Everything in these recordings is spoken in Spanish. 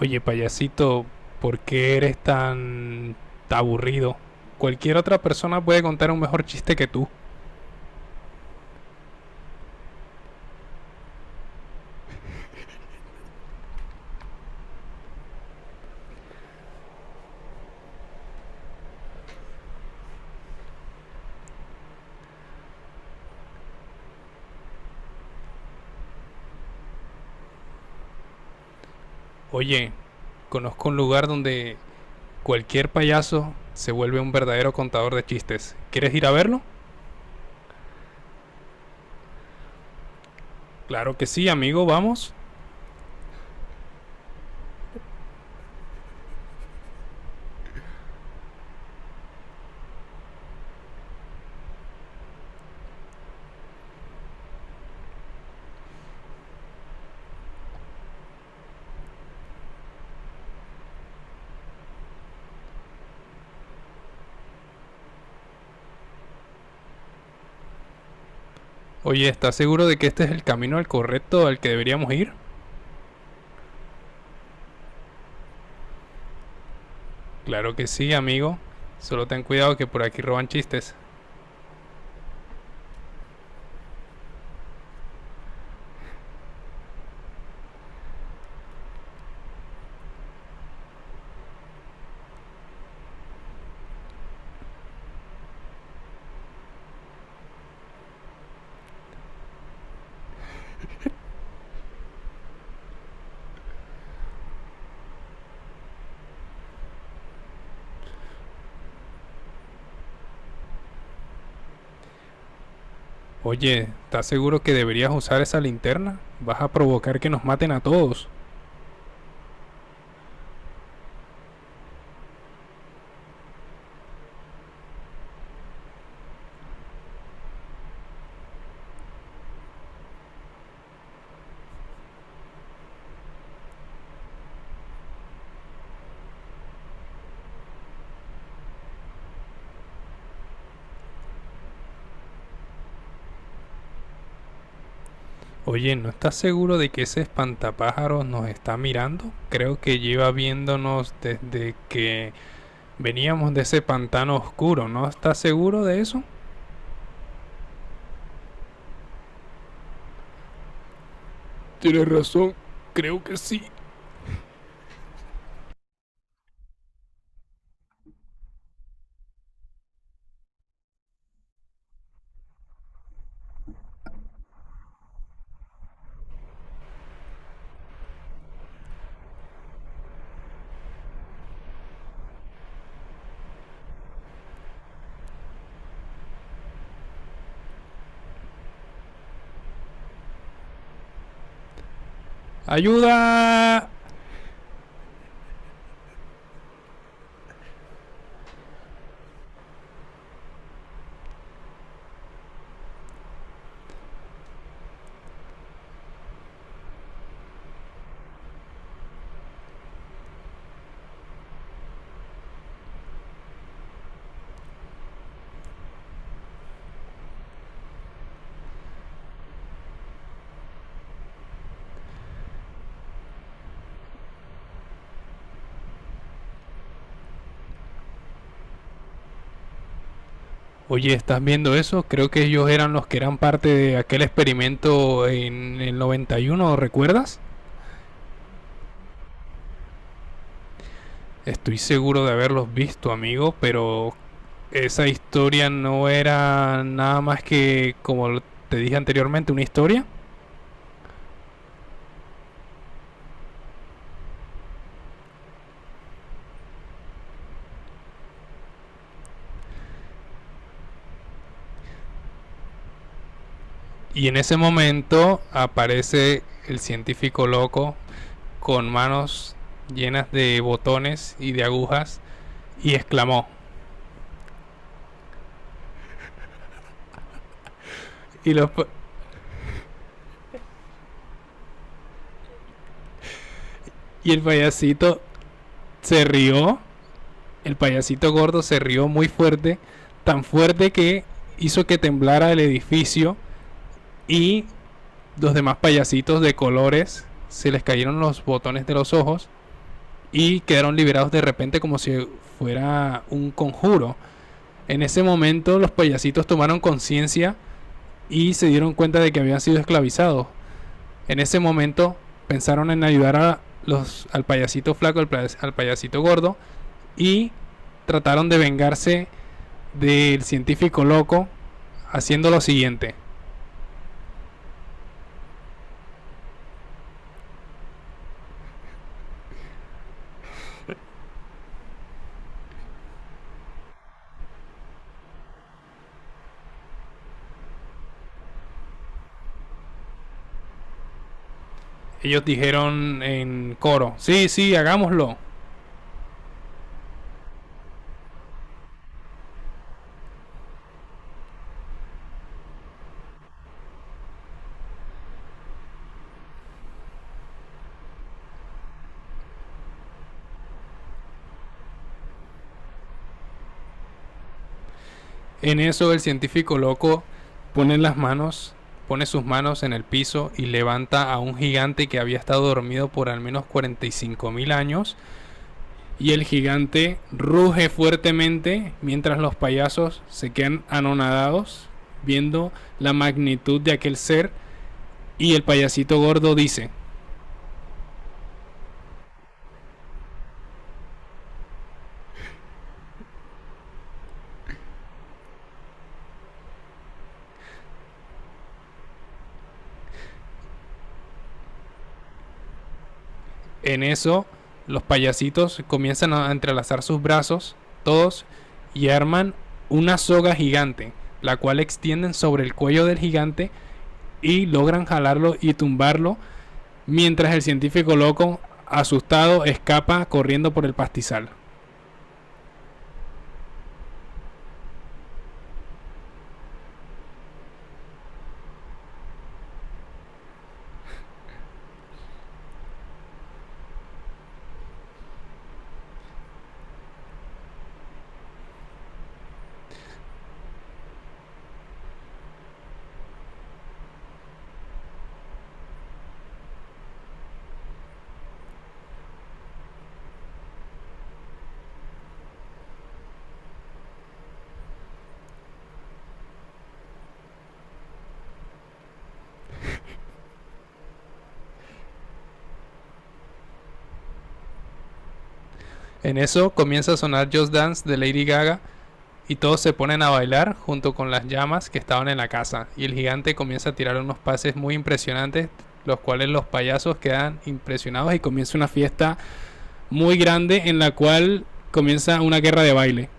Oye, payasito, ¿por qué eres tan aburrido? Cualquier otra persona puede contar un mejor chiste que tú. Oye, conozco un lugar donde cualquier payaso se vuelve un verdadero contador de chistes. ¿Quieres ir a verlo? Claro que sí, amigo, vamos. Oye, ¿estás seguro de que este es el camino al correcto al que deberíamos ir? Claro que sí, amigo. Solo ten cuidado que por aquí roban chistes. Oye, ¿estás seguro que deberías usar esa linterna? Vas a provocar que nos maten a todos. Oye, ¿no estás seguro de que ese espantapájaros nos está mirando? Creo que lleva viéndonos desde que veníamos de ese pantano oscuro, ¿no estás seguro de eso? Tienes razón, creo que sí. ¡Ayuda! Oye, ¿estás viendo eso? Creo que ellos eran los que eran parte de aquel experimento en el 91, ¿recuerdas? Estoy seguro de haberlos visto, amigo, pero esa historia no era nada más que, como te dije anteriormente, una historia. Y en ese momento aparece el científico loco con manos llenas de botones y de agujas y exclamó. Y los, y el payasito se rió, el payasito gordo se rió muy fuerte, tan fuerte que hizo que temblara el edificio y los demás payasitos de colores se les cayeron los botones de los ojos y quedaron liberados de repente como si fuera un conjuro. En ese momento los payasitos tomaron conciencia y se dieron cuenta de que habían sido esclavizados. En ese momento pensaron en ayudar al payasito flaco, al payasito gordo y trataron de vengarse del científico loco haciendo lo siguiente. Ellos dijeron en coro, sí, sí, hagámoslo. En eso el científico loco pone las manos, pone sus manos en el piso y levanta a un gigante que había estado dormido por al menos 45 mil años y el gigante ruge fuertemente mientras los payasos se quedan anonadados viendo la magnitud de aquel ser y el payasito gordo dice. En eso, los payasitos comienzan a entrelazar sus brazos, todos, y arman una soga gigante, la cual extienden sobre el cuello del gigante y logran jalarlo y tumbarlo, mientras el científico loco, asustado, escapa corriendo por el pastizal. En eso comienza a sonar Just Dance de Lady Gaga y todos se ponen a bailar junto con las llamas que estaban en la casa y el gigante comienza a tirar unos pases muy impresionantes los cuales los payasos quedan impresionados y comienza una fiesta muy grande en la cual comienza una guerra de baile.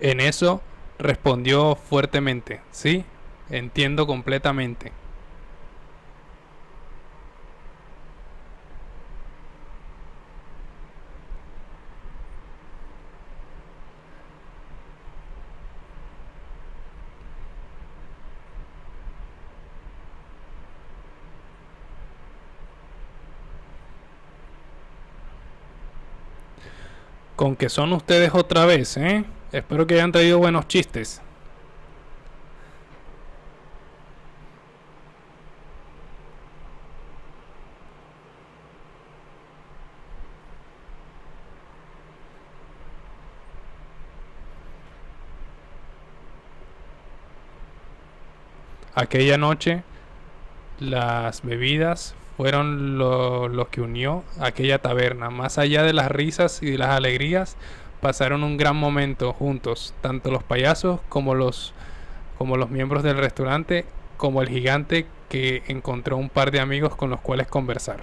En eso respondió fuertemente, sí, entiendo completamente. Con que son ustedes otra vez, ¿eh? Espero que hayan traído buenos chistes. Aquella noche las bebidas fueron lo que unió a aquella taberna. Más allá de las risas y de las alegrías, pasaron un gran momento juntos, tanto los payasos como los miembros del restaurante, como el gigante que encontró un par de amigos con los cuales conversar.